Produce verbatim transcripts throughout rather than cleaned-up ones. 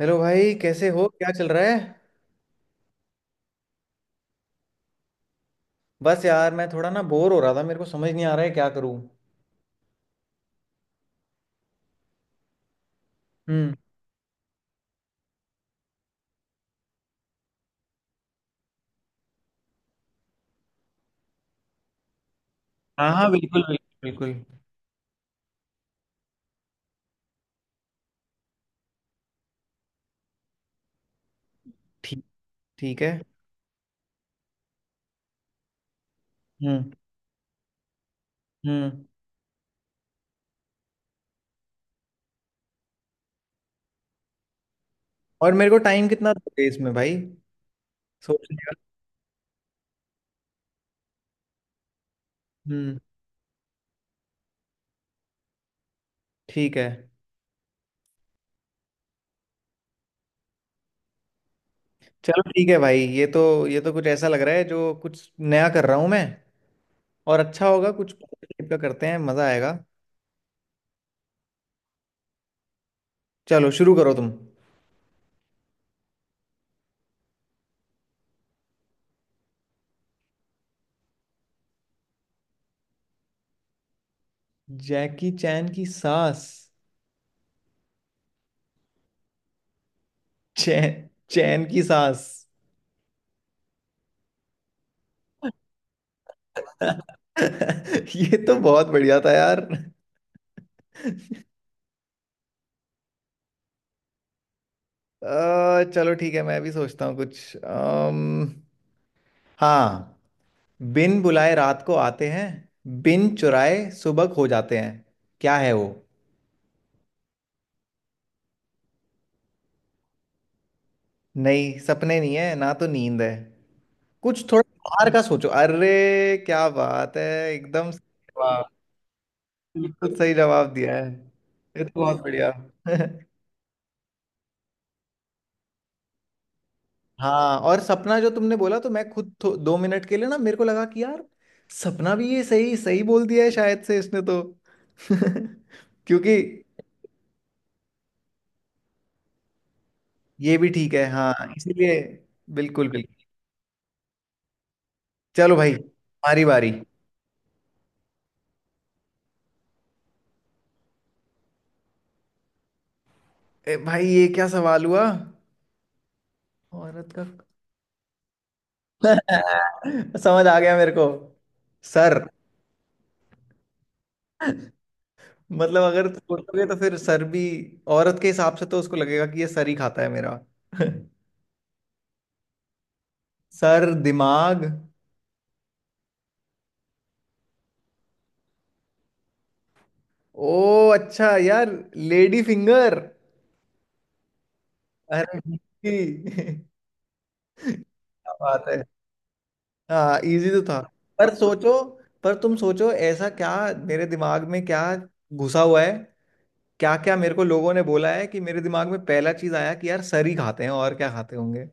Hello भाई, कैसे हो? क्या चल रहा है? बस यार, मैं थोड़ा ना बोर हो रहा था। मेरे को समझ नहीं आ रहा है क्या करूं। हम्म। हाँ हाँ, बिल्कुल बिल्कुल। बिल्कुल। ठीक। ठीक है। हम्म। हम्म। और मेरे को टाइम कितना दोगे इसमें भाई? सोचने का। हम्म। ठीक है। चलो ठीक है भाई, ये तो ये तो कुछ ऐसा लग रहा है जो कुछ नया कर रहा हूं मैं। और अच्छा होगा, कुछ टाइप का करते हैं, मजा आएगा। चलो शुरू करो तुम। जैकी चैन की सास। चैन। चैन की सास। ये तो बहुत बढ़िया था यार। अ, चलो ठीक है, मैं भी सोचता हूँ कुछ अम्म हाँ। बिन बुलाए रात को आते हैं, बिन चुराए सुबह खो जाते हैं। क्या है वो? नहीं, सपने नहीं है, ना तो नींद है। कुछ थोड़ा बाहर का सोचो अरे। क्या बात है, एकदम सही जवाब। बिल्कुल सही जवाब दिया है। ये तो बहुत बढ़िया। हाँ, और सपना जो तुमने बोला तो मैं खुद थो- दो मिनट के लिए ना मेरे को लगा कि यार सपना भी ये सही सही बोल दिया है शायद से इसने तो। क्योंकि ये भी ठीक है, हाँ इसीलिए। बिल्कुल बिल्कुल। चलो भाई हमारी बारी। ए भाई ये क्या सवाल हुआ? औरत का? समझ आ गया मेरे को। सर। मतलब अगर सोचोगे तो फिर सर भी औरत के हिसाब से, तो उसको लगेगा कि ये सर ही खाता है मेरा। सर, दिमाग। ओ अच्छा यार, लेडी फिंगर। अरे जी। क्या बात है। हाँ, इजी तो था। पर सोचो। पर तुम सोचो ऐसा क्या मेरे दिमाग में क्या घुसा हुआ है। क्या क्या मेरे को लोगों ने बोला है कि मेरे दिमाग में पहला चीज आया कि यार सर ही खाते हैं, और क्या खाते होंगे।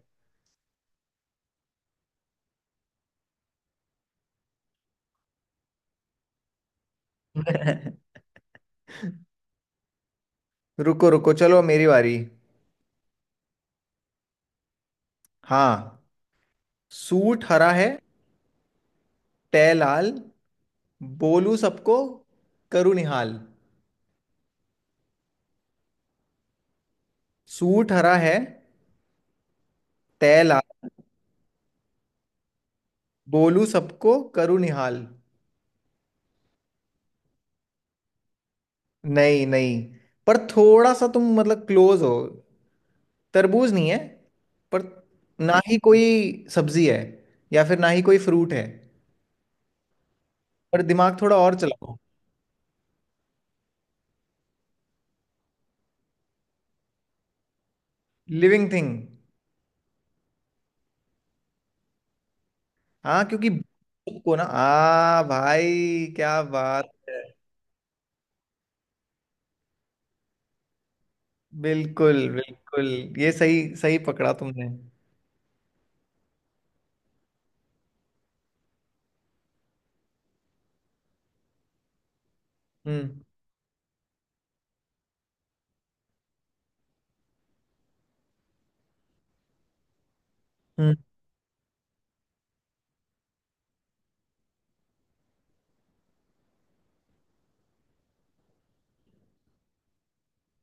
रुको रुको, चलो मेरी बारी। हाँ। सूट हरा है, टै लाल, बोलू सबको, करू निहाल। सूट हरा है, तय लाल, बोलू सबको करूँ निहाल। नहीं नहीं, पर थोड़ा सा तुम मतलब क्लोज हो। तरबूज नहीं है, पर ना ही कोई सब्जी है, या फिर ना ही कोई फ्रूट है। पर दिमाग थोड़ा और चलाओ। Living thing. हाँ, क्योंकि को ना आ भाई, क्या बात है। बिल्कुल बिल्कुल। ये सही सही पकड़ा तुमने। हम्म। हम्म।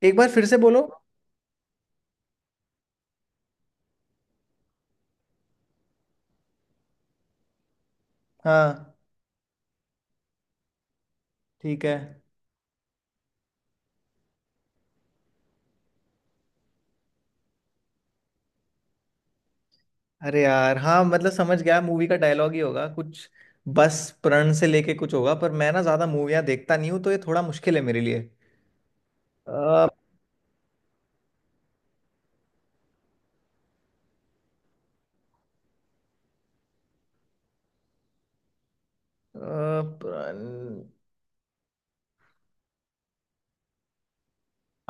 एक बार फिर से बोलो। हाँ। ठीक है। अरे यार हाँ, मतलब समझ गया मूवी का डायलॉग ही होगा कुछ। बस प्रण से लेके कुछ होगा, पर मैं ना ज्यादा मूवियाँ देखता नहीं हूँ, तो ये थोड़ा मुश्किल है मेरे लिए। अ, अ, प्रण।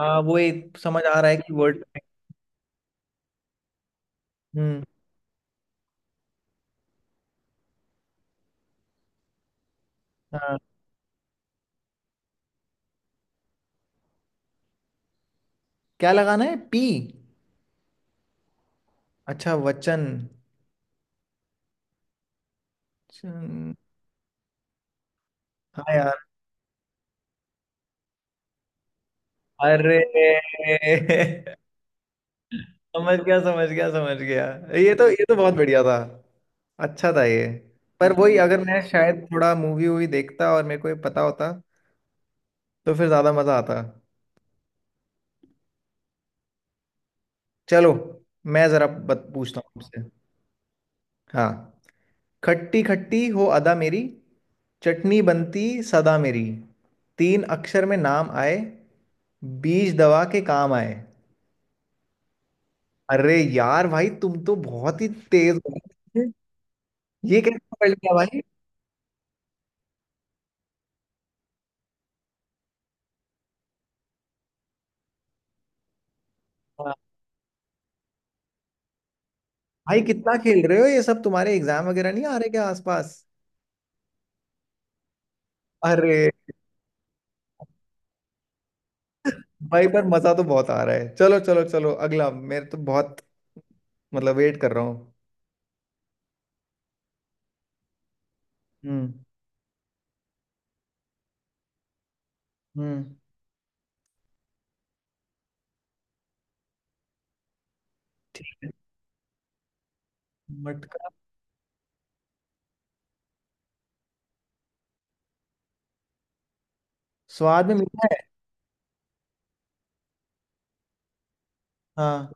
हाँ, वो एक समझ आ रहा है कि वर्ड। हम्म। हाँ, क्या लगाना है, पी? अच्छा, वचन। चन-। हाँ यार। अरे समझ गया समझ गया समझ गया। ये तो ये तो बहुत बढ़िया था। अच्छा था ये। पर वही अगर मैं शायद थोड़ा मूवी वूवी देखता और मेरे को ये पता होता, तो फिर ज्यादा मजा आता। चलो, मैं जरा बत पूछता हूँ आपसे। हाँ। खट्टी खट्टी हो अदा मेरी, चटनी बनती सदा मेरी। तीन अक्षर में नाम आए, बीज दवा के काम आए। अरे यार भाई, तुम तो बहुत ही तेज हो। ये कैसे पढ़ लिया भाई? हाँ। भाई कितना खेल रहे हो, ये सब तुम्हारे एग्जाम वगैरह नहीं आ रहे क्या आसपास? अरे। भाई पर मजा तो बहुत आ रहा है। चलो चलो चलो अगला, मेरे तो बहुत मतलब वेट कर रहा हूँ। हम्म। हम्म। मटका। स्वाद में मीठा है? हाँ,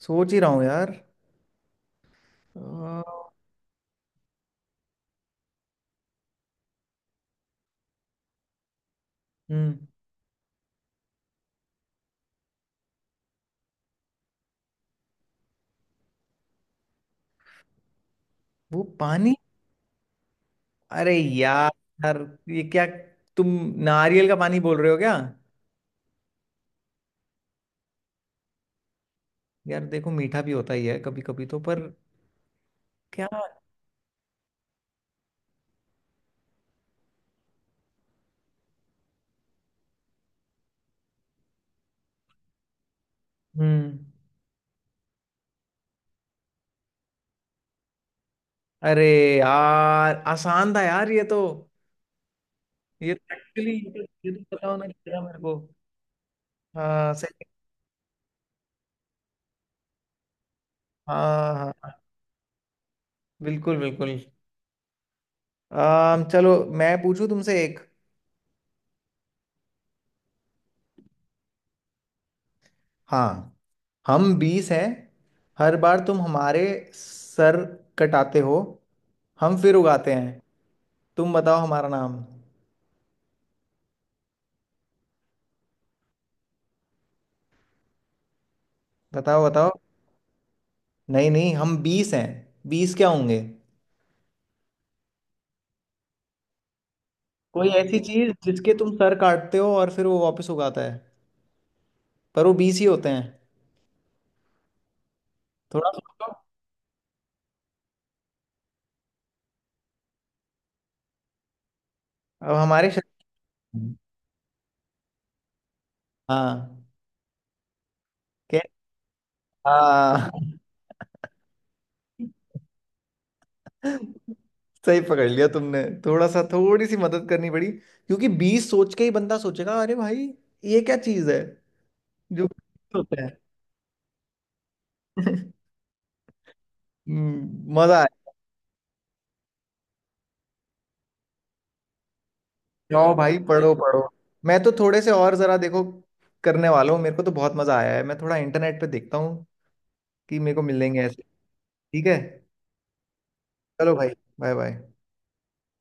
सोच ही रहा हूँ यार। अ, हम्म। वो पानी। अरे यार। यार, ये क्या, तुम नारियल का पानी बोल रहे हो क्या? यार देखो, मीठा भी होता ही है कभी कभी तो, पर। क्या। हम्म। अरे यार, आसान था यार ये तो। ये तो एक्चुअली ये तो पता होना चाहिए था मेरे को। हाँ सही। हाँ हाँ हाँ, बिल्कुल बिल्कुल। अम, चलो, मैं पूछूं तुमसे एक। हाँ। हम बीस हैं, हर बार तुम हमारे सर कटाते हो, हम फिर उगाते हैं। तुम बताओ हमारा नाम। बताओ बताओ। नहीं नहीं, हम बीस हैं। बीस क्या होंगे? कोई ऐसी चीज जिसके तुम सर काटते हो और फिर वो वापस उगाता है, पर वो बीस ही होते हैं। थोड़ा सोचो। अब हमारे शरीर। हाँ। क्या? हाँ। सही पकड़ लिया तुमने, थोड़ा सा थोड़ी सी मदद करनी पड़ी, क्योंकि बीस सोच के ही बंदा सोचेगा अरे भाई ये क्या चीज है जो होता है। हम्म, मजा आया। जाओ भाई पढ़ो पढ़ो। मैं तो थोड़े से और जरा देखो करने वाला हूँ। मेरे को तो बहुत मजा आया है। मैं थोड़ा इंटरनेट पे देखता हूँ कि मेरे को मिलेंगे ऐसे। ठीक है। चलो भाई, बाय बाय।